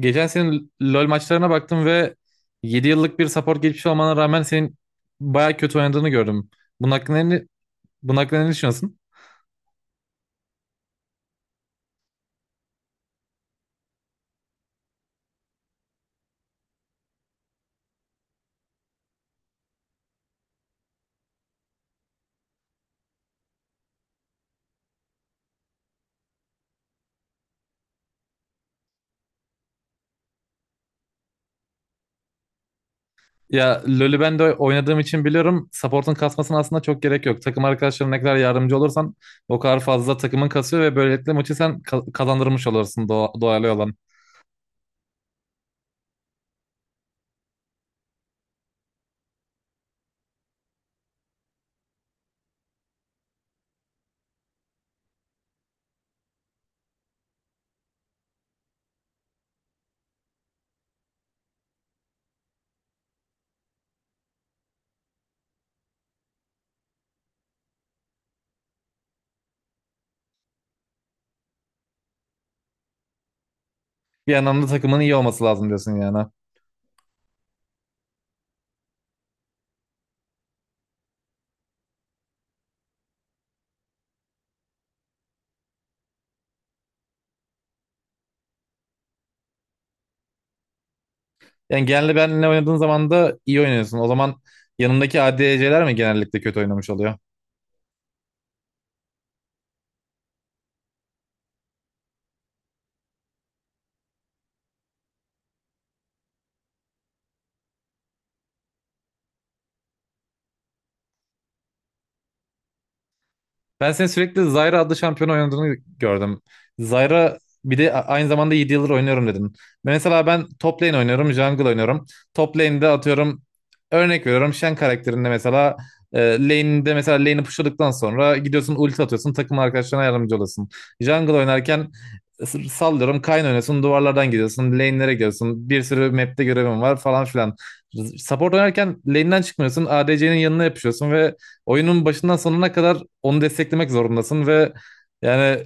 Geçen senin LoL maçlarına baktım ve 7 yıllık bir support geçmiş olmana rağmen senin baya kötü oynadığını gördüm. Bunun hakkında ne, bunun hakkında ne düşünüyorsun? Ya LoL'ü ben de oynadığım için biliyorum support'un kasmasına aslında çok gerek yok. Takım arkadaşlarına ne kadar yardımcı olursan o kadar fazla takımın kasıyor ve böylelikle maçı sen kazandırmış olursun doğal olan. Bir yandan da takımın iyi olması lazım diyorsun yani. Yani genelde benle oynadığın zaman da iyi oynuyorsun. O zaman yanındaki ADC'ler mi genellikle kötü oynamış oluyor? Ben senin sürekli Zyra adlı şampiyonu oynadığını gördüm. Zyra bir de aynı zamanda 7 yıldır oynuyorum dedin. Mesela ben top lane oynuyorum, jungle oynuyorum. Top lane'de atıyorum örnek veriyorum Shen karakterinde mesela lane'de mesela lane'i pushladıktan sonra gidiyorsun ulti atıyorsun takım arkadaşlarına yardımcı olasın. Jungle oynarken sallıyorum Kayn oynuyorsun duvarlardan gidiyorsun lane'lere gidiyorsun bir sürü map'te görevim var falan filan. Support oynarken lane'den çıkmıyorsun ADC'nin yanına yapışıyorsun ve oyunun başından sonuna kadar onu desteklemek zorundasın ve yani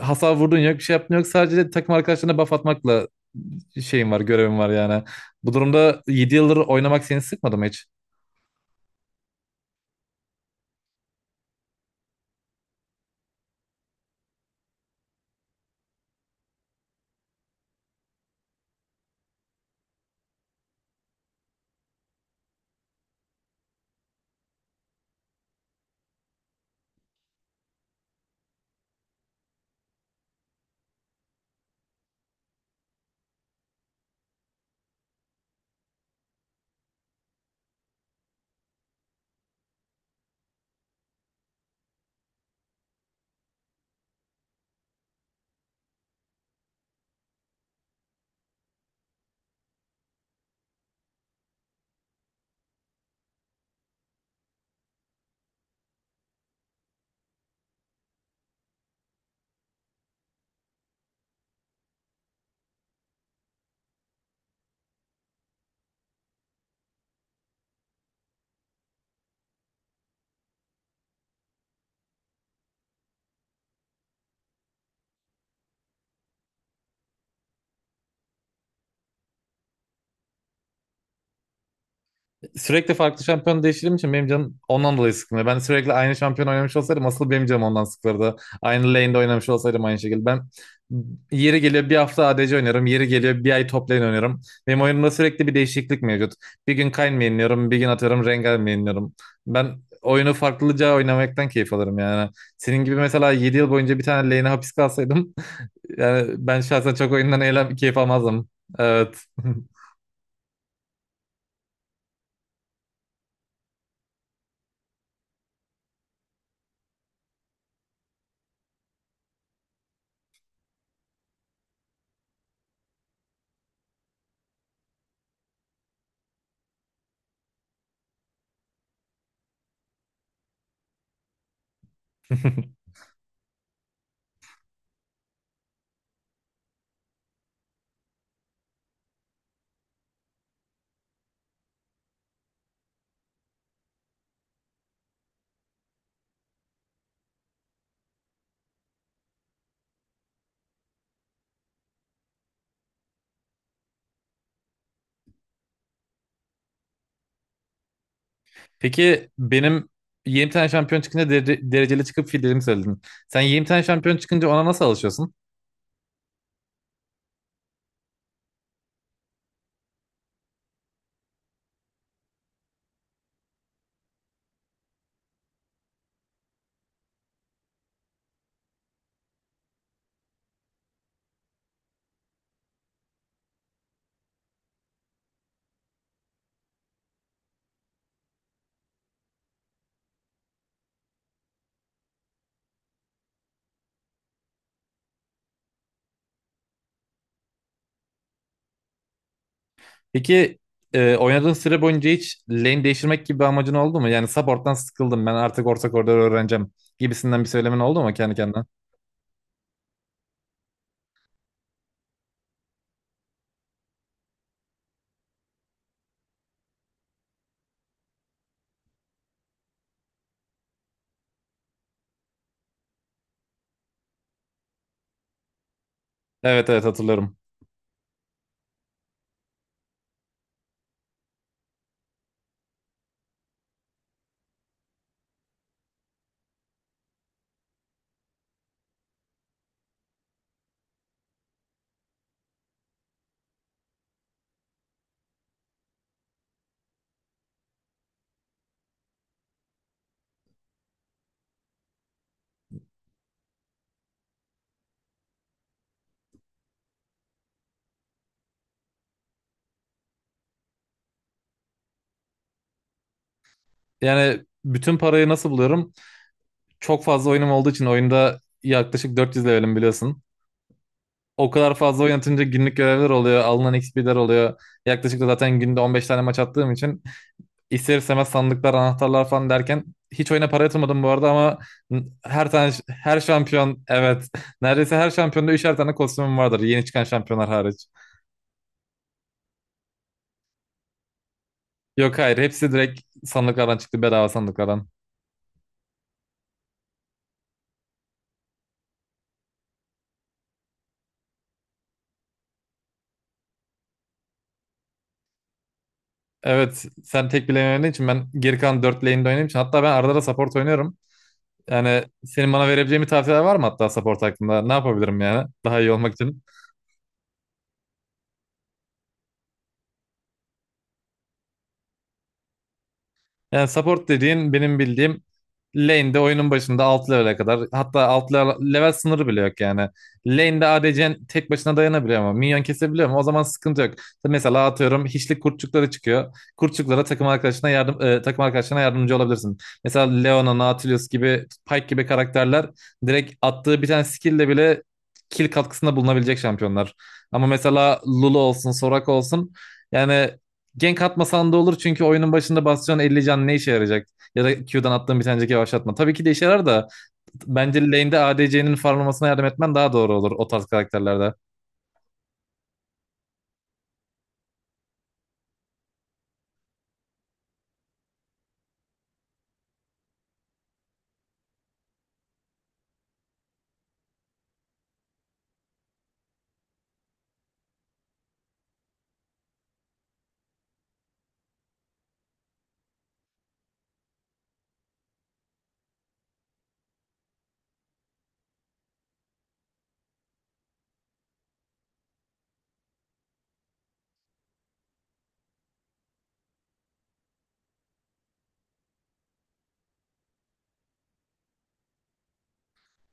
hasar vurdun yok bir şey yaptın yok sadece takım arkadaşlarına buff atmakla şeyin var görevin var yani. Bu durumda 7 yıldır oynamak seni sıkmadı mı hiç? Sürekli farklı şampiyon değiştirdiğim için benim canım ondan dolayı sıkılıyor. Ben sürekli aynı şampiyon oynamış olsaydım asıl benim canım ondan sıkılırdı. Aynı lane'de oynamış olsaydım aynı şekilde. Ben yeri geliyor bir hafta ADC oynarım. Yeri geliyor bir ay top lane oynarım. Benim oyunumda sürekli bir değişiklik mevcut. Bir gün Kayn mainliyorum, bir gün atıyorum Rengar mainliyorum. Ben oyunu farklıca oynamaktan keyif alırım yani. Senin gibi mesela 7 yıl boyunca bir tane lane'e hapis kalsaydım yani ben şahsen çok oyundan eğlen keyif almazdım. Evet. Peki benim 20 tane şampiyon çıkınca dereceli çıkıp fillerimi söyledin. Sen 20 tane şampiyon çıkınca ona nasıl alışıyorsun? Peki oynadığın süre boyunca hiç lane değiştirmek gibi bir amacın oldu mu? Yani support'tan sıkıldım ben artık orta koridoru öğreneceğim gibisinden bir söylemin oldu mu kendi kendine? Evet, evet, hatırlıyorum. Yani bütün parayı nasıl buluyorum? Çok fazla oyunum olduğu için oyunda yaklaşık 400 levelim biliyorsun. O kadar fazla oynatınca günlük görevler oluyor, alınan XP'ler oluyor. Yaklaşık da zaten günde 15 tane maç attığım için ister istemez sandıklar, anahtarlar falan derken hiç oyuna para yatırmadım bu arada ama her tane her şampiyon, evet, neredeyse her şampiyonda üçer tane kostümüm vardır yeni çıkan şampiyonlar hariç. Yok, hayır, hepsi direkt sandıklardan çıktı, bedava sandıklardan. Evet, sen tek bile oynadığın için ben geri kalan 4 lane'de oynadığım için hatta ben arada da support oynuyorum. Yani senin bana verebileceğin bir tavsiyeler var mı hatta support hakkında? Ne yapabilirim yani daha iyi olmak için? Yani support dediğin benim bildiğim lane'de oyunun başında alt level'e kadar hatta alt level, level sınırı bile yok yani. Lane'de ADC'nin tek başına dayanabiliyor ama minyon kesebiliyor ama o zaman sıkıntı yok. Mesela atıyorum hiçlik kurtçukları çıkıyor. Kurtçuklara takım arkadaşına yardımcı olabilirsin. Mesela Leona, Nautilus gibi, Pyke gibi karakterler direkt attığı bir tane skill'le bile kill katkısında bulunabilecek şampiyonlar. Ama mesela Lulu olsun, Soraka olsun, yani gank atmasan da olur çünkü oyunun başında basacağın 50 can ne işe yarayacak? Ya da Q'dan attığın bir tanecik yavaşlatma. Tabii ki de işe yarar da bence lane'de ADC'nin farmlamasına yardım etmen daha doğru olur o tarz karakterlerde.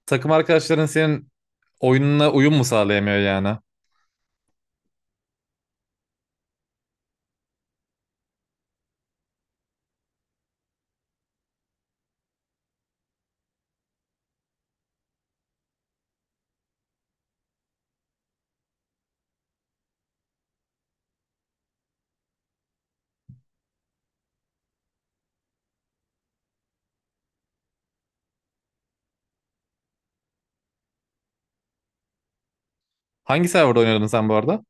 Takım arkadaşların senin oyununa uyum mu sağlayamıyor yani? Hangi serverda oynuyordun sen bu arada?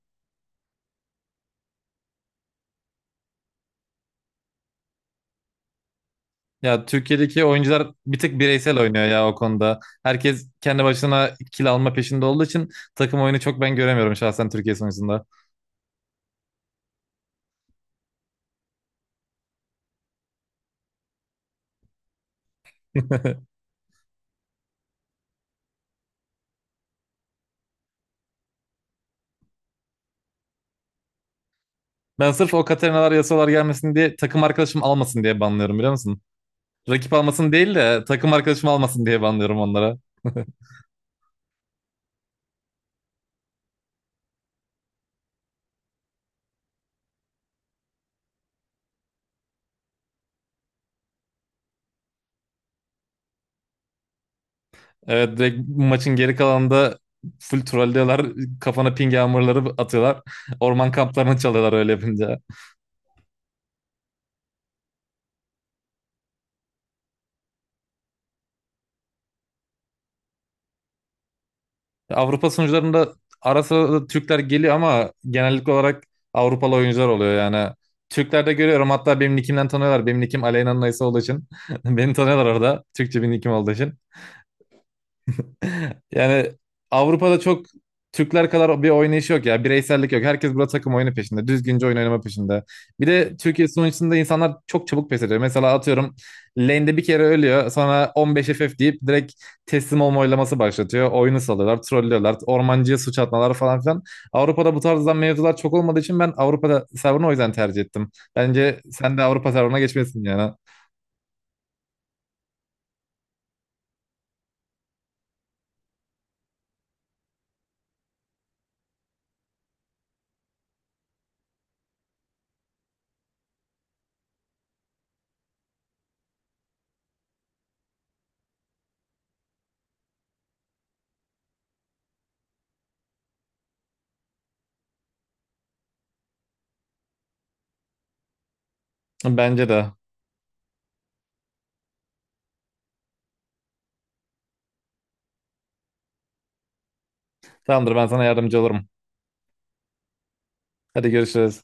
Ya Türkiye'deki oyuncular bir tık bireysel oynuyor ya o konuda. Herkes kendi başına kill alma peşinde olduğu için takım oyunu çok ben göremiyorum şahsen Türkiye sonucunda. Ben sırf o Katerinalar, yasalar gelmesin diye, takım arkadaşım almasın diye banlıyorum, biliyor musun? Rakip almasın değil de takım arkadaşım almasın diye banlıyorum onlara. Evet, direkt maçın geri kalanında full trollüyorlar. Kafana ping yağmurları atıyorlar. Orman kamplarını çalıyorlar öyle yapınca. Avrupa sunucularında ara sıra da Türkler geliyor ama genellik olarak Avrupalı oyuncular oluyor yani. Türklerde görüyorum hatta benim nickimden tanıyorlar. Benim nickim Aleyna'nın Aysa olduğu için. Beni tanıyorlar orada. Türkçe bir nickim olduğu için. Yani Avrupa'da çok Türkler kadar bir oynayış yok ya. Bireysellik yok. Herkes burada takım oyunu peşinde. Düzgünce oyun oynama peşinde. Bir de Türkiye sunucusunda insanlar çok çabuk pes ediyor. Mesela atıyorum lane'de bir kere ölüyor. Sonra 15 FF deyip direkt teslim olma oylaması başlatıyor. Oyunu salıyorlar, trollüyorlar. Ormancıya suç atmalar falan filan. Avrupa'da bu tarzdan mevzular çok olmadığı için ben Avrupa'da serverını o yüzden tercih ettim. Bence sen de Avrupa serverına geçmesin yani. Bence de. Tamamdır, ben sana yardımcı olurum. Hadi görüşürüz.